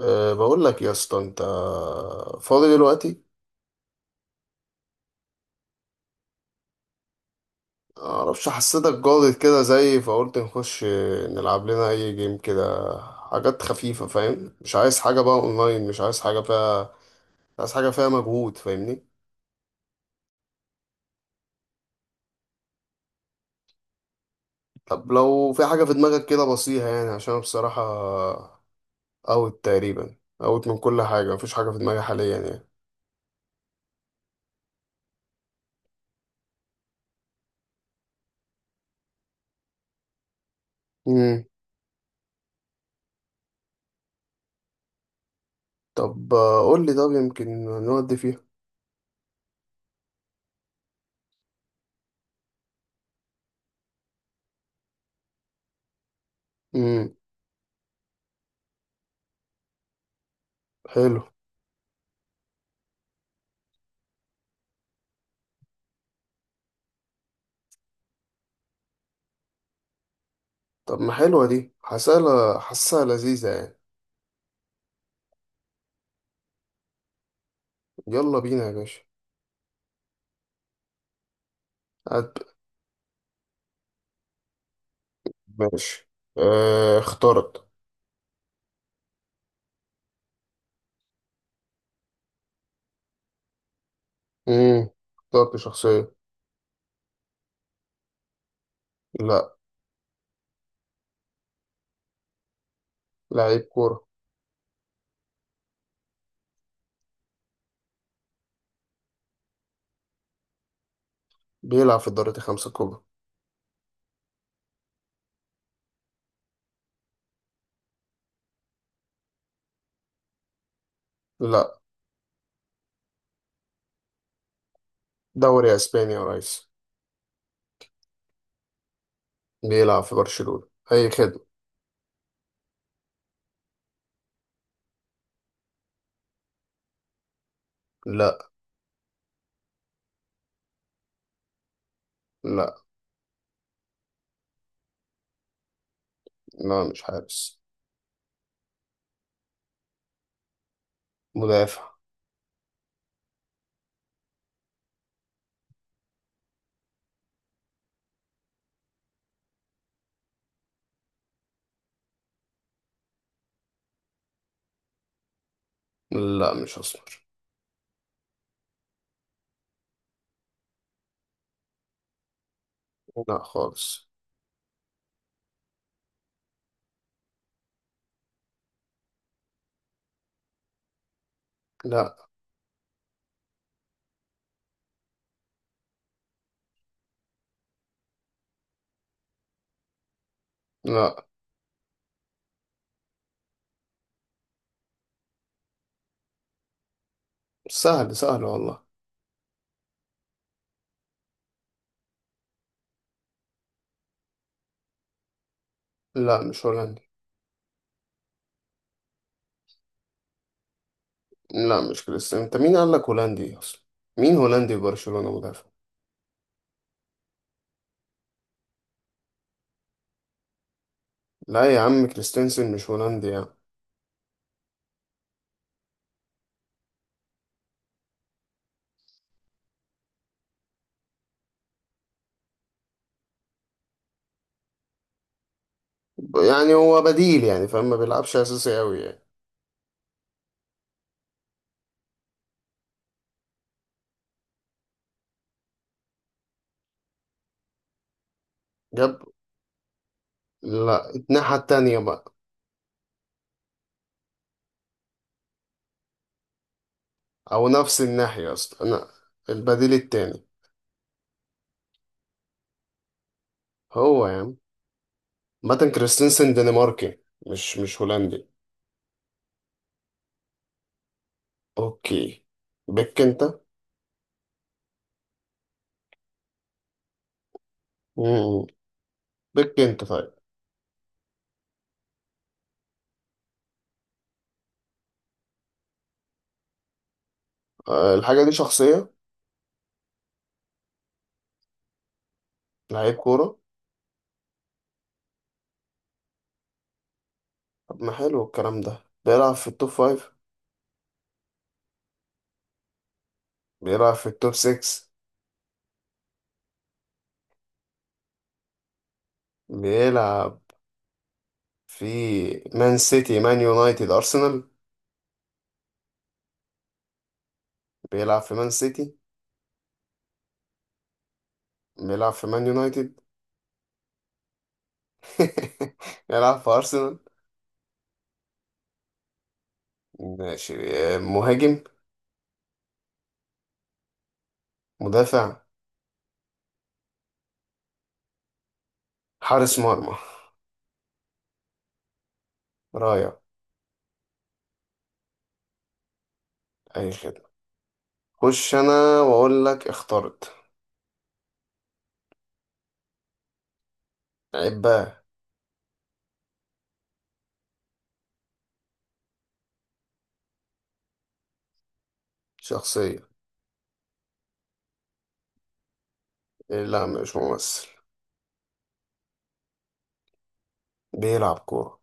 بقول لك يا اسطى، انت فاضي دلوقتي؟ معرفش، حسيتك جاضد كده زي، فقلت نخش نلعب لنا اي جيم كده، حاجات خفيفة، فاهم؟ مش عايز حاجة بقى اونلاين، مش عايز حاجة فيها مجهود، فاهمني؟ طب لو في حاجة في دماغك كده بسيطة يعني، عشان أنا بصراحة اوت تقريبا، اوت من كل حاجة، مفيش حاجة في دماغي حاليا يعني. مم. طب قول لي، طب يمكن نودي فيها. امم. حلو. طب ما حلوة دي، حاسة حاسة لذيذة يعني. يلا بينا يا باشا. هات. ماشي. اخترت. مم. اخترت شخصية. لا. لعيب كورة. بيلعب في الدوريات الخمسة الكبرى. لا. دوري اسباني يا ريس. بيلعب في برشلونة، اي خدمة. لا. لا. لا، مش حارس. مدافع. لا، مش اسمر. لا خالص. لا. لا. سهل سهل والله. لا، مش هولندي. لا، مش كريستيانو. انت مين قال لك هولندي اصلا؟ مين هولندي في برشلونة مدافع؟ لا يا عم، كريستنسن مش هولندي يعني. يعني هو بديل يعني، فاهم؟ ما بيلعبش اساسي قوي يعني. جاب. لا، الناحية التانية بقى. او نفس الناحية اصلا انا. البديل التاني. هو يا عم. ماتن كريستنسن دنماركي، مش هولندي. اوكي. بك انت. مم. بك انت طيب. الحاجة دي شخصية. لعيب كورة. طب ما حلو الكلام ده. بيلعب في التوب فايف. بيلعب في التوب سكس. بيلعب في مان سيتي، مان يونايتد، ارسنال. بيلعب في مان سيتي. بيلعب في مان يونايتد. بيلعب في أرسنال. ماشي. مهاجم. مدافع. حارس مرمى. رايع. أي خدمة. خش أنا وأقول لك اخترت. عباه. شخصية. إيه، لا مش ممثل. بيلعب كورة.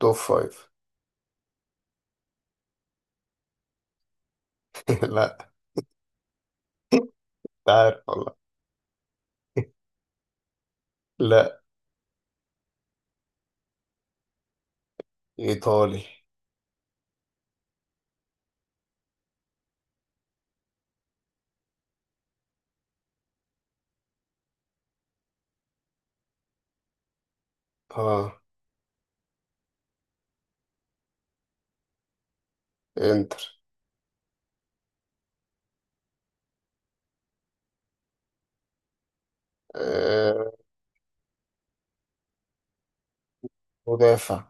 توب فايف. لا. انت عارف والله. لا. إيطالي. آه. إنتر. آه. مدافع.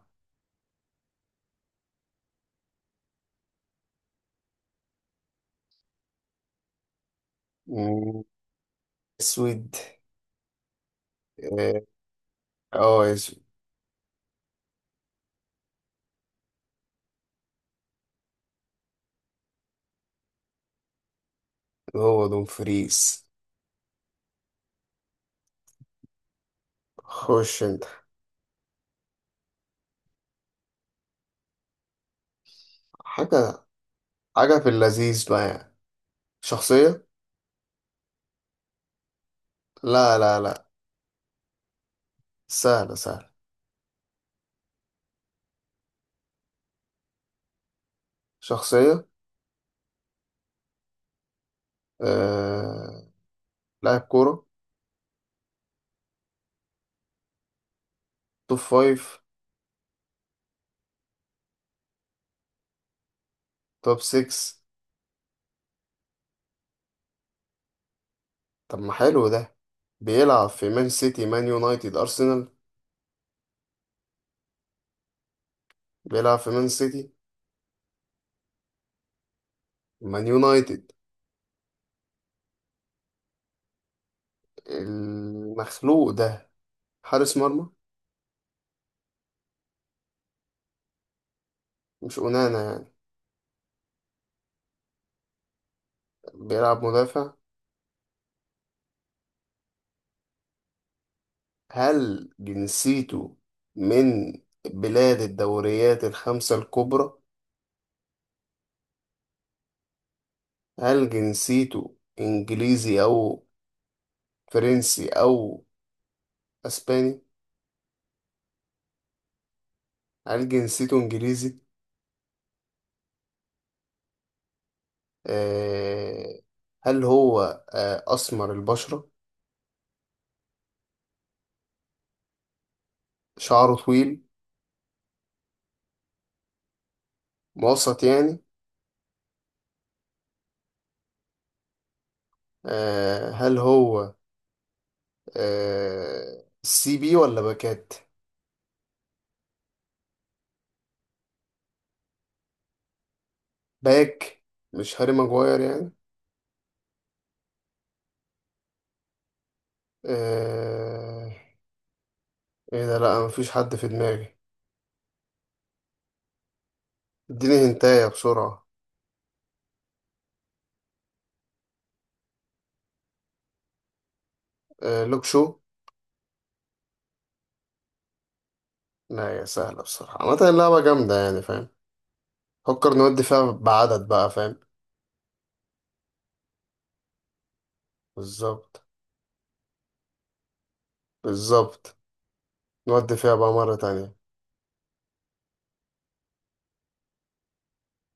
مم، أسود. آه. آه، أسود. هو دومفريز. خش أنت. حاجة حاجة في اللذيذ بقى يعني. شخصية. لا لا لا. سهلة سهلة. شخصية. آه... لاعب كورة. توب فايف. توب سكس. طب ما حلو ده. بيلعب في مان سيتي، مان يونايتد، أرسنال. بيلعب في مان سيتي. مان يونايتد. المخلوق ده حارس مرمى؟ مش أونانا يعني. بيلعب مدافع. هل جنسيته من بلاد الدوريات الخمسة الكبرى؟ هل جنسيته إنجليزي أو فرنسي أو أسباني؟ هل جنسيته إنجليزي؟ آه، هل هو أسمر البشرة؟ شعره طويل؟ موسط يعني. هل هو سي بي ولا باكات؟ باك. مش هاري ماجواير يعني. آه، ايه ده؟ لا، مفيش حد في دماغي. اديني هنتاية بسرعة. لوك شو. لا يا سهلة، بصراحة عامة اللعبة جامدة يعني، فاهم؟ فكر نودي فيها بعدد بقى، فاهم؟ بالظبط. بالظبط. نودي فيها بقى مرة تانية.